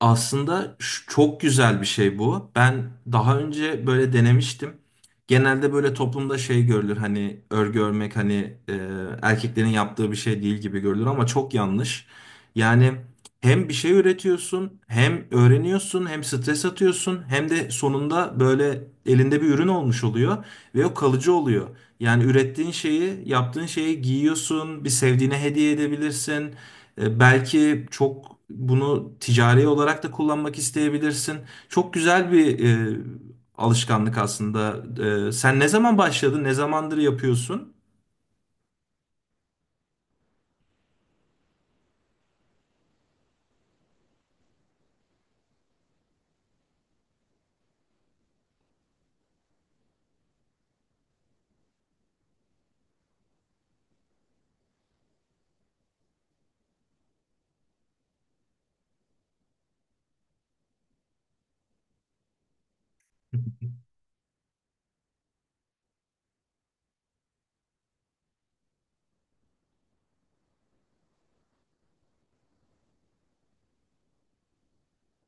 Aslında çok güzel bir şey bu. Ben daha önce böyle denemiştim. Genelde böyle toplumda şey görülür hani örgü örmek hani e, erkeklerin yaptığı bir şey değil gibi görülür ama çok yanlış. Yani hem bir şey üretiyorsun, hem öğreniyorsun, hem stres atıyorsun, hem de sonunda böyle elinde bir ürün olmuş oluyor ve o kalıcı oluyor. Yani ürettiğin şeyi, yaptığın şeyi giyiyorsun, bir sevdiğine hediye edebilirsin. Belki çok bunu ticari olarak da kullanmak isteyebilirsin. Çok güzel bir e, alışkanlık aslında. Sen ne zaman başladın? Ne zamandır yapıyorsun?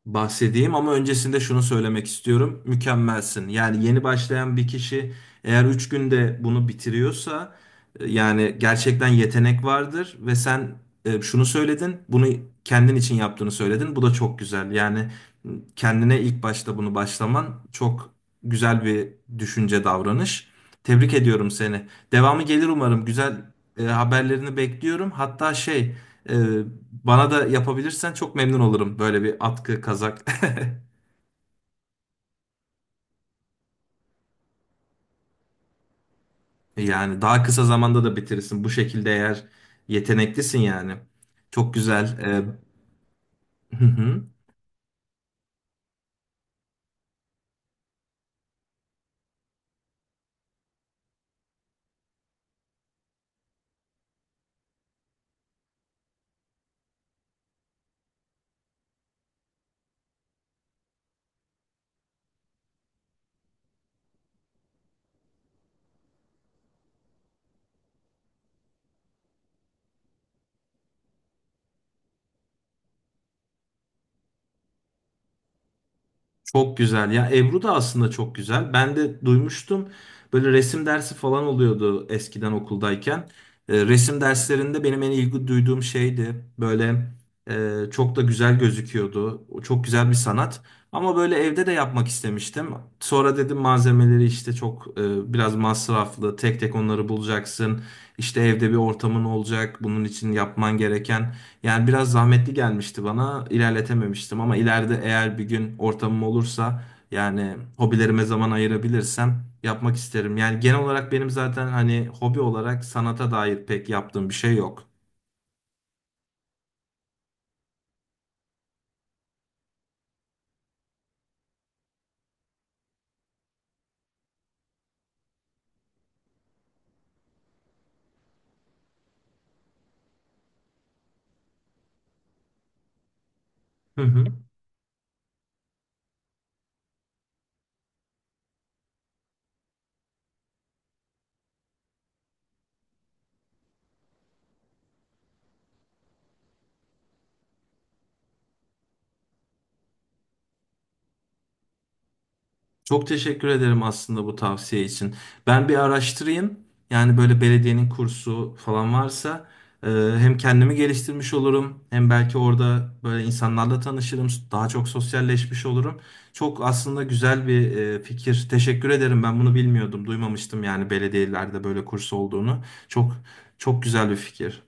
Bahsedeyim ama öncesinde şunu söylemek istiyorum. Mükemmelsin. Yani yeni başlayan bir kişi eğer 3 günde bunu bitiriyorsa yani gerçekten yetenek vardır ve sen şunu söyledin. Bunu kendin için yaptığını söyledin. Bu da çok güzel. Yani kendine ilk başta bunu başlaman çok güzel bir düşünce davranış. Tebrik ediyorum seni. Devamı gelir umarım. Güzel haberlerini bekliyorum. Hatta ee, bana da yapabilirsen çok memnun olurum. Böyle bir atkı, kazak. Yani daha kısa zamanda da bitirirsin. Bu şekilde eğer yeteneklisin yani. Çok güzel. Hı hı. Çok güzel. Ya Ebru da aslında çok güzel. Ben de duymuştum. Böyle resim dersi falan oluyordu eskiden okuldayken. E, resim derslerinde benim en ilgi duyduğum şeydi. Böyle çok da güzel gözüküyordu. O çok güzel bir sanat. Ama böyle evde de yapmak istemiştim. Sonra dedim malzemeleri işte çok biraz masraflı. Tek tek onları bulacaksın. İşte evde bir ortamın olacak. Bunun için yapman gereken yani biraz zahmetli gelmişti bana. İlerletememiştim ama ileride eğer bir gün ortamım olursa yani hobilerime zaman ayırabilirsem yapmak isterim. Yani genel olarak benim zaten hani hobi olarak sanata dair pek yaptığım bir şey yok. Hı hı. Çok teşekkür ederim aslında bu tavsiye için. Ben bir araştırayım. Yani böyle belediyenin kursu falan varsa e, hem kendimi geliştirmiş olurum hem belki orada böyle insanlarla tanışırım. Daha çok sosyalleşmiş olurum. Çok aslında güzel bir fikir. Teşekkür ederim. Ben bunu bilmiyordum. Duymamıştım yani belediyelerde böyle kurs olduğunu. Çok çok güzel bir fikir.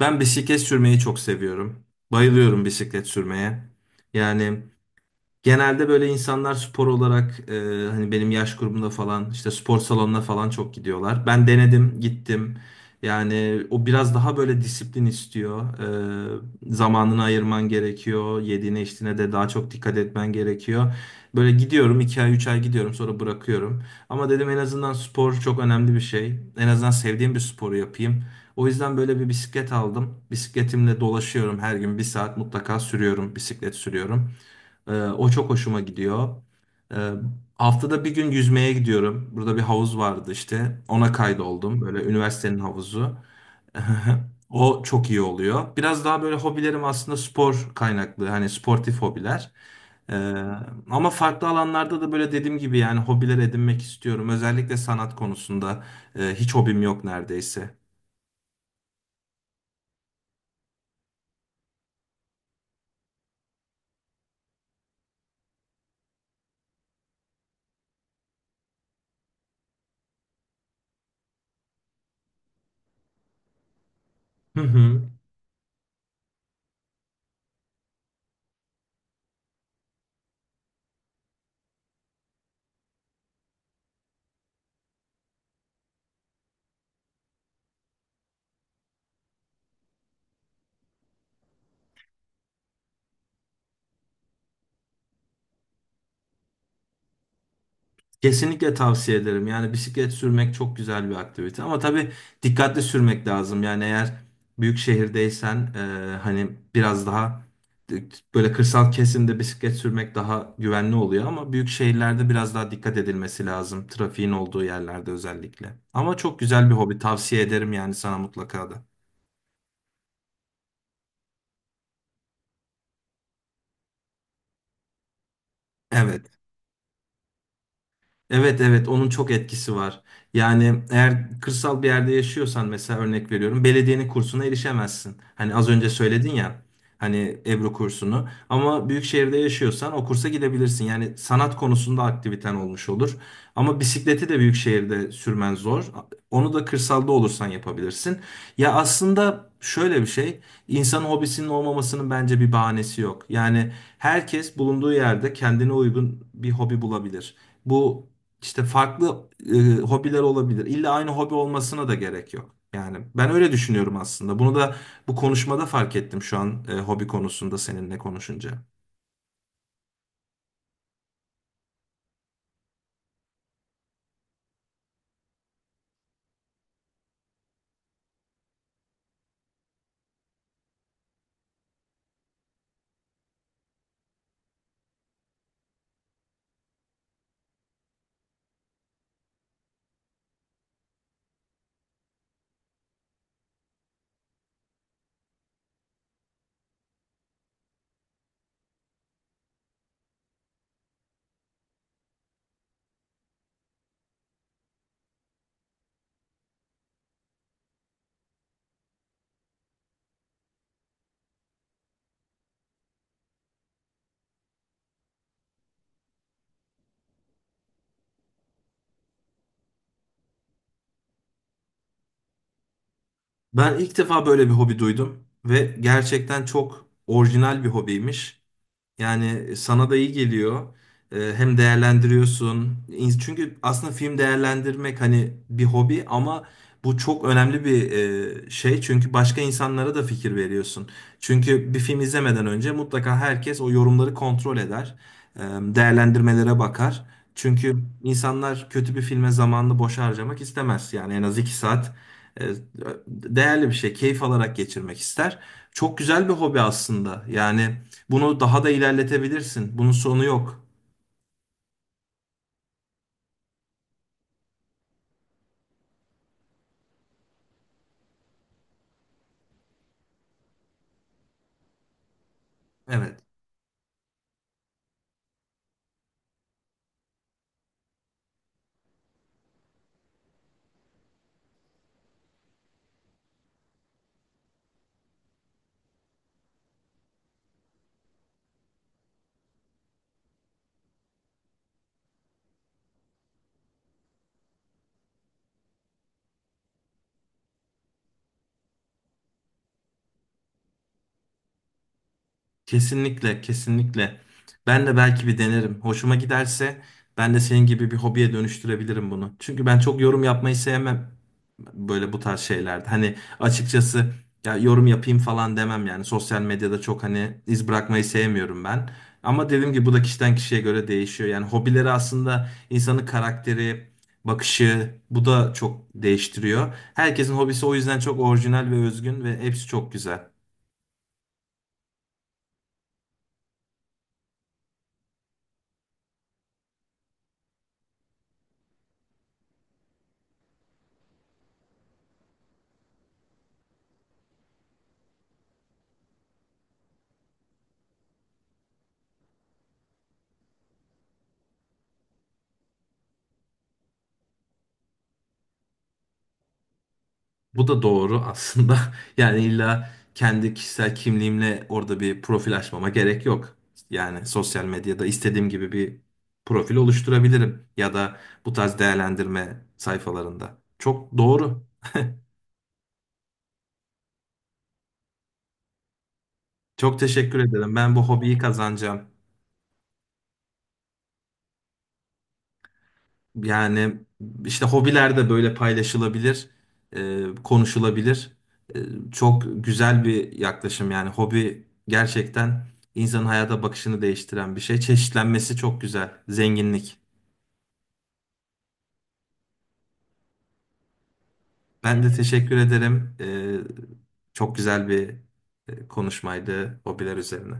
Ben bisiklet sürmeyi çok seviyorum. Bayılıyorum bisiklet sürmeye. Yani genelde böyle insanlar spor olarak hani benim yaş grubumda falan işte spor salonuna falan çok gidiyorlar. Ben denedim, gittim. Yani o biraz daha böyle disiplin istiyor. E, zamanını ayırman gerekiyor. Yediğine içtiğine de daha çok dikkat etmen gerekiyor. Böyle gidiyorum, 2 ay 3 ay gidiyorum sonra bırakıyorum. Ama dedim en azından spor çok önemli bir şey. En azından sevdiğim bir sporu yapayım. O yüzden böyle bir bisiklet aldım. Bisikletimle dolaşıyorum, her gün bir saat mutlaka sürüyorum, bisiklet sürüyorum. O çok hoşuma gidiyor. Ee, haftada bir gün yüzmeye gidiyorum. Burada bir havuz vardı işte. Ona kaydoldum. Böyle üniversitenin havuzu. O çok iyi oluyor. Biraz daha böyle hobilerim aslında spor kaynaklı. Hani sportif hobiler. Ee, ama farklı alanlarda da böyle dediğim gibi yani hobiler edinmek istiyorum. Özellikle sanat konusunda hiç hobim yok neredeyse. Hı hı. Kesinlikle tavsiye ederim. Yani bisiklet sürmek çok güzel bir aktivite ama tabii dikkatli sürmek lazım. Yani eğer büyük şehirdeysen hani biraz daha d- böyle kırsal kesimde bisiklet sürmek daha güvenli oluyor ama büyük şehirlerde biraz daha dikkat edilmesi lazım. Trafiğin olduğu yerlerde özellikle. Ama çok güzel bir hobi. Tavsiye ederim yani sana mutlaka da. Evet. Evet, evet, onun çok etkisi var. Yani eğer kırsal bir yerde yaşıyorsan mesela örnek veriyorum belediyenin kursuna erişemezsin. Hani az önce söyledin ya hani Ebru kursunu ama büyük şehirde yaşıyorsan o kursa gidebilirsin. Yani sanat konusunda aktiviten olmuş olur. Ama bisikleti de büyük şehirde sürmen zor. Onu da kırsalda olursan yapabilirsin. Ya aslında şöyle bir şey, insanın hobisinin olmamasının bence bir bahanesi yok. Yani herkes bulunduğu yerde kendine uygun bir hobi bulabilir. Bu işte farklı hobiler olabilir. İlla aynı hobi olmasına da gerek yok. Yani ben öyle düşünüyorum aslında. Bunu da bu konuşmada fark ettim şu an hobi konusunda seninle konuşunca. Ben ilk defa böyle bir hobi duydum ve gerçekten çok orijinal bir hobiymiş. Yani sana da iyi geliyor. Hem değerlendiriyorsun. Çünkü aslında film değerlendirmek hani bir hobi ama bu çok önemli bir şey. Çünkü başka insanlara da fikir veriyorsun. Çünkü bir film izlemeden önce mutlaka herkes o yorumları kontrol eder. Ee, Değerlendirmelere bakar. Çünkü insanlar kötü bir filme zamanını boş harcamak istemez. Yani en az 2 saat e, değerli bir şey, keyif alarak geçirmek ister. Çok güzel bir hobi aslında. Yani bunu daha da ilerletebilirsin. Bunun sonu yok. Evet. Kesinlikle, kesinlikle. Ben de belki bir denerim. Hoşuma giderse ben de senin gibi bir hobiye dönüştürebilirim bunu. Çünkü ben çok yorum yapmayı sevmem böyle bu tarz şeylerde. Hani açıkçası ya yorum yapayım falan demem yani. Sosyal medyada çok hani iz bırakmayı sevmiyorum ben. Ama dediğim gibi bu da kişiden kişiye göre değişiyor. Yani hobileri aslında insanın karakteri, bakışı bu da çok değiştiriyor. Herkesin hobisi o yüzden çok orijinal ve özgün ve hepsi çok güzel. Bu da doğru aslında. Yani illa kendi kişisel kimliğimle orada bir profil açmama gerek yok. Yani sosyal medyada istediğim gibi bir profil oluşturabilirim ya da bu tarz değerlendirme sayfalarında. Çok doğru. Çok teşekkür ederim. Ben bu hobiyi kazanacağım. Yani işte hobiler de böyle paylaşılabilir, konuşulabilir. E, çok güzel bir yaklaşım yani hobi gerçekten insanın hayata bakışını değiştiren bir şey. Çeşitlenmesi çok güzel, zenginlik. Ben de teşekkür ederim. Çok güzel bir konuşmaydı hobiler üzerine.